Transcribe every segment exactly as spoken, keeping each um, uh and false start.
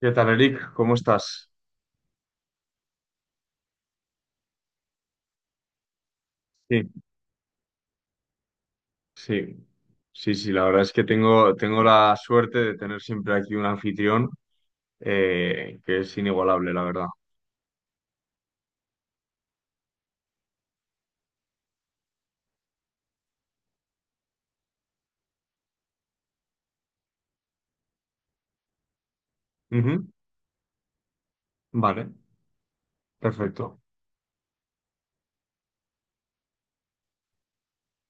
¿Qué tal, Eric? ¿Cómo estás? Sí, sí, sí, sí, la verdad es que tengo, tengo la suerte de tener siempre aquí un anfitrión eh, que es inigualable, la verdad. Ujú. Vale, perfecto.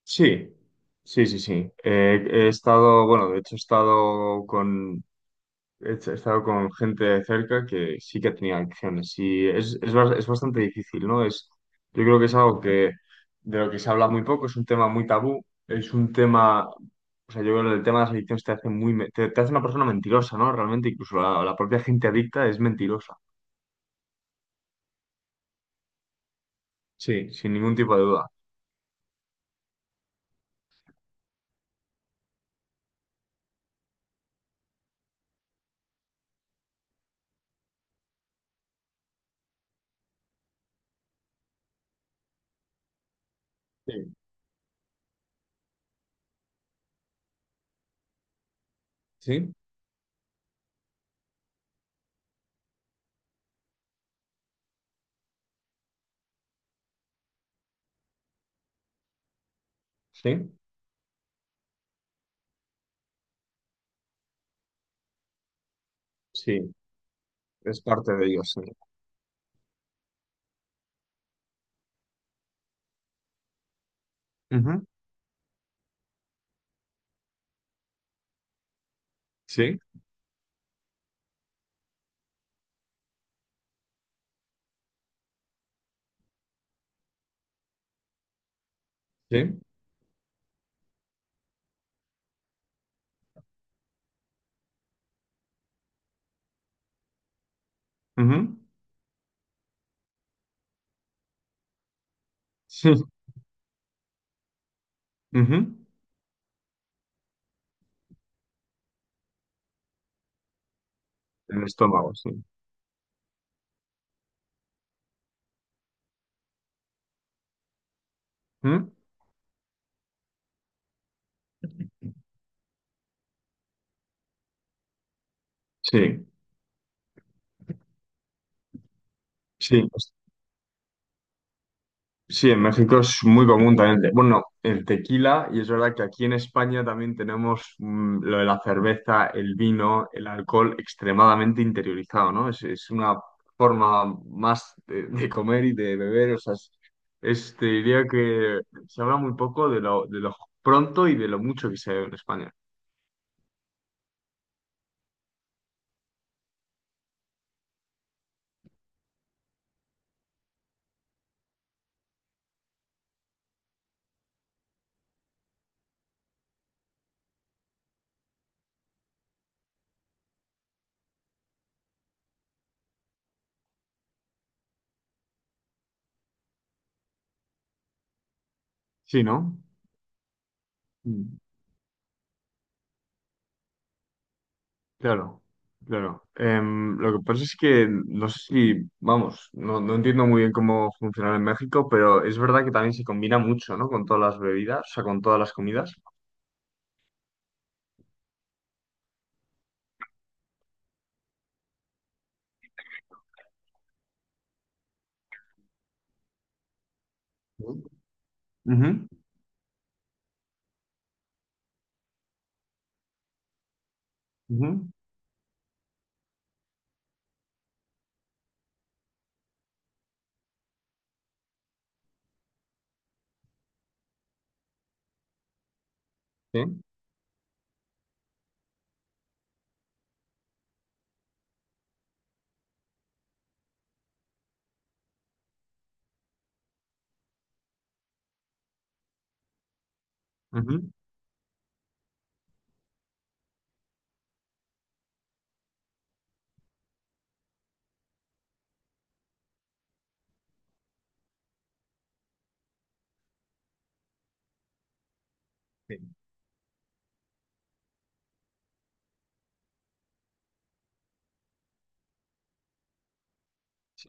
Sí, sí, sí, sí. Eh, he estado, bueno, de hecho he estado con, He hecho- He estado con gente de cerca que sí que tenía adicciones y es, es, bas- es bastante difícil, ¿no? Es, yo creo que es algo que de lo que se habla muy poco, es un tema muy tabú, es un tema, o sea, Yo creo que el tema de las adicciones te hace muy, me- te, te hace una persona mentirosa, ¿no? Realmente, incluso la, la propia gente adicta es mentirosa. Sí, sin ningún tipo de duda. Sí, sí, sí, sí, es parte de ello, sí. Ujú. Sí, sí, ujú. Sí, ujú. El estómago, sí. Ujú. Sí, sí. Sí, en México es muy común también. el te- Bueno, el tequila, y es verdad que aquí en España también tenemos mm, lo de la cerveza, el vino, el alcohol extremadamente interiorizado, ¿no? Es, es una forma más de, de comer y de beber, o sea, es, es- te diría que se habla muy poco de lo, de lo pronto y de lo mucho que se bebe en España. Sí, ¿no? Mm. Claro, claro. Em, lo que pasa es que no sé si, vamos, no, no entiendo muy bien cómo funciona en México, pero es verdad que también se combina mucho, ¿no? Con todas las bebidas, o sea, con todas las comidas. Ujú, ujú, sí, ujú, sí, sí.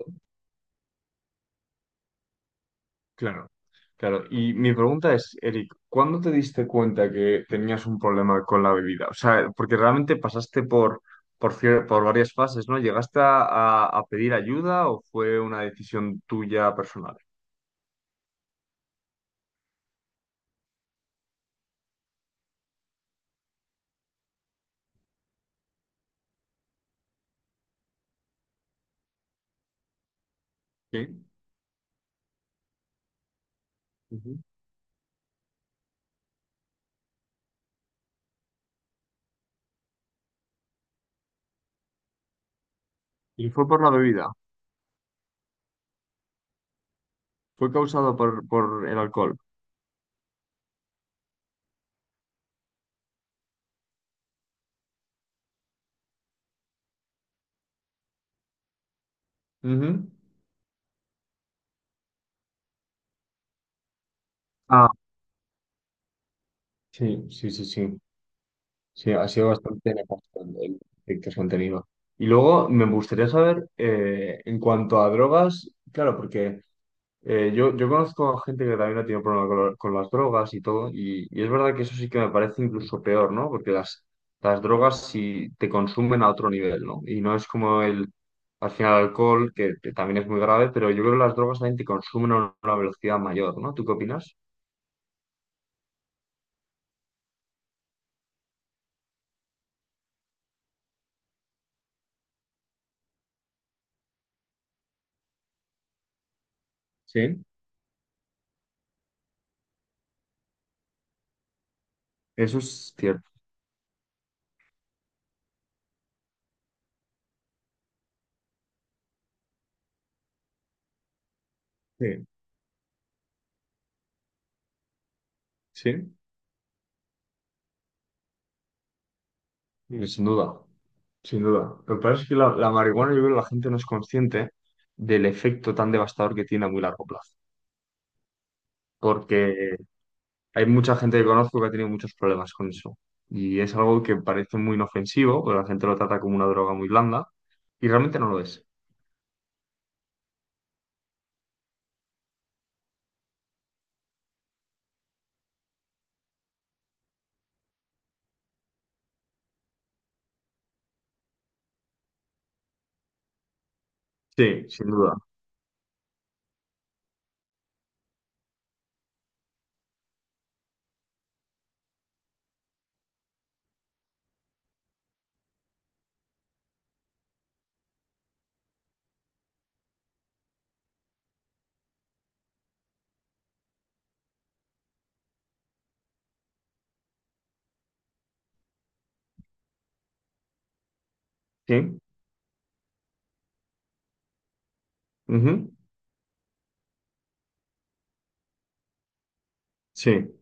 Claro, claro. Y mi pregunta es, Eric, ¿cuándo te diste cuenta que tenías un problema con la bebida? O sea, porque realmente pasaste por, por, cier- por varias fases, ¿no? ¿Llegaste a, a a pedir ayuda o fue una decisión tuya personal? Sí. Ujú. Y fue por la bebida, fue causado por, por el alcohol. Ujú. Ah, sí, sí, sí, sí. Sí, ha sido bastante nefasto el el efecto que han tenido. Y luego me gustaría saber, eh, en cuanto a drogas, claro, porque Eh, yo, yo conozco a gente que también ha tenido problemas con, lo- con las drogas y todo, y, y es verdad que eso sí que me parece incluso peor, ¿no? Porque las, las drogas sí te consumen a otro nivel, ¿no? Y no es como el, al final, el alcohol, que, que también es muy grave, pero yo creo que las drogas también te consumen a una velocidad mayor, ¿no? ¿Tú qué opinas? Sí. Eso es cierto. Sí, sí. Mm, sin duda, sin duda. Lo que pasa es que la, la marihuana, yo creo que la gente no es consciente del efecto tan devastador que tiene a muy largo plazo. Porque hay mucha gente que conozco que ha tenido muchos problemas con eso. Y es algo que parece muy inofensivo, pero la gente lo trata como una droga muy blanda y realmente no lo es. Sí, sin duda. Sí. Ujú. Sí.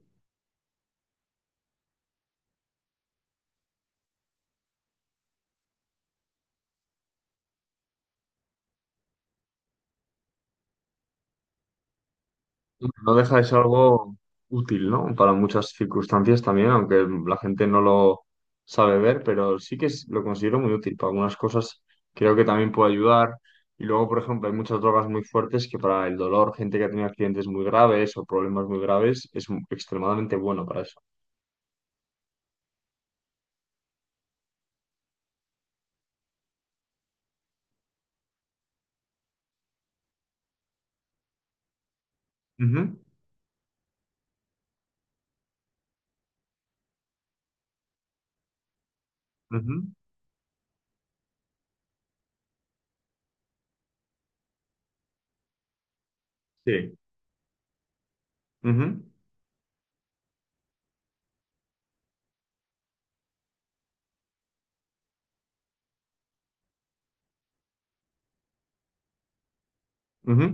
No deja de ser algo útil, ¿no? Para muchas circunstancias también, aunque la gente no lo sabe ver, pero sí que es- lo considero muy útil. Para algunas cosas creo que también puede ayudar. Y luego, por ejemplo, hay muchas drogas muy fuertes que para el dolor, gente que ha tenido accidentes muy graves o problemas muy graves, es extremadamente bueno para eso. Ujú, ujú. Sí, ujú, ujú.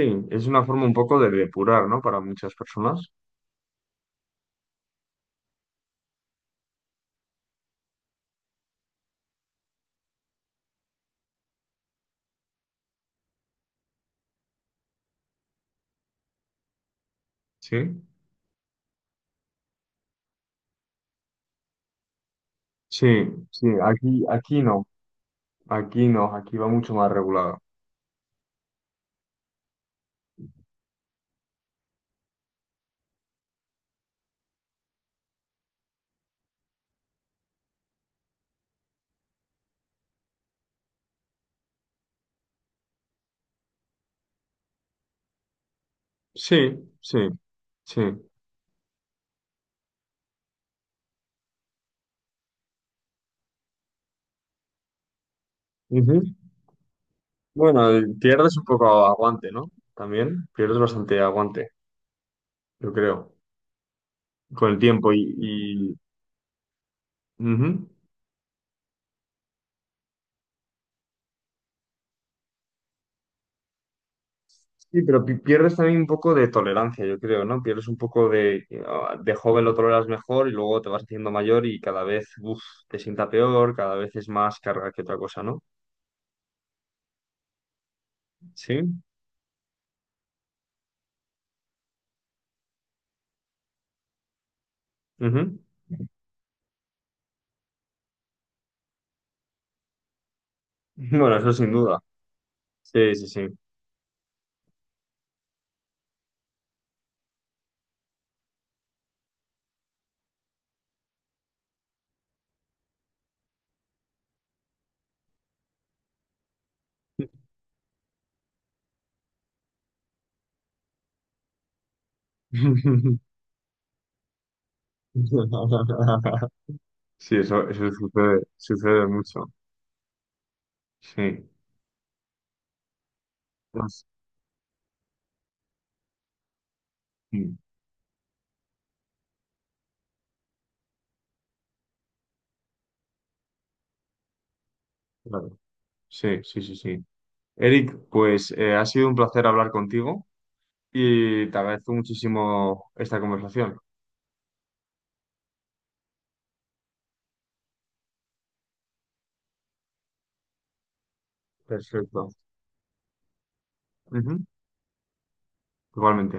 Sí, es una forma un poco de depurar, ¿no? Para muchas personas. Sí, sí, sí, aquí, aquí no, aquí no, aquí va mucho más regulado. Sí, sí, sí. Ujú. Bueno, y pierdes un poco aguante, ¿no? También pierdes bastante aguante, yo creo, con el tiempo y, y ujú. Sí, pero pi- pierdes también un poco de tolerancia, yo creo, ¿no? Pierdes un poco de, ah, de joven lo toleras mejor y luego te vas haciendo mayor y cada vez, uf, te sienta peor, cada vez es más carga que otra cosa, ¿no? Sí. Ujú. Bueno, eso sin duda. Sí, sí, sí. Sí, eso, eso sucede, sucede mucho. Sí. Pues, sí, claro. Sí, sí, sí, sí. Eric, pues eh, ha sido un placer hablar contigo y te agradezco muchísimo esta conversación. Perfecto. Ujú. Igualmente.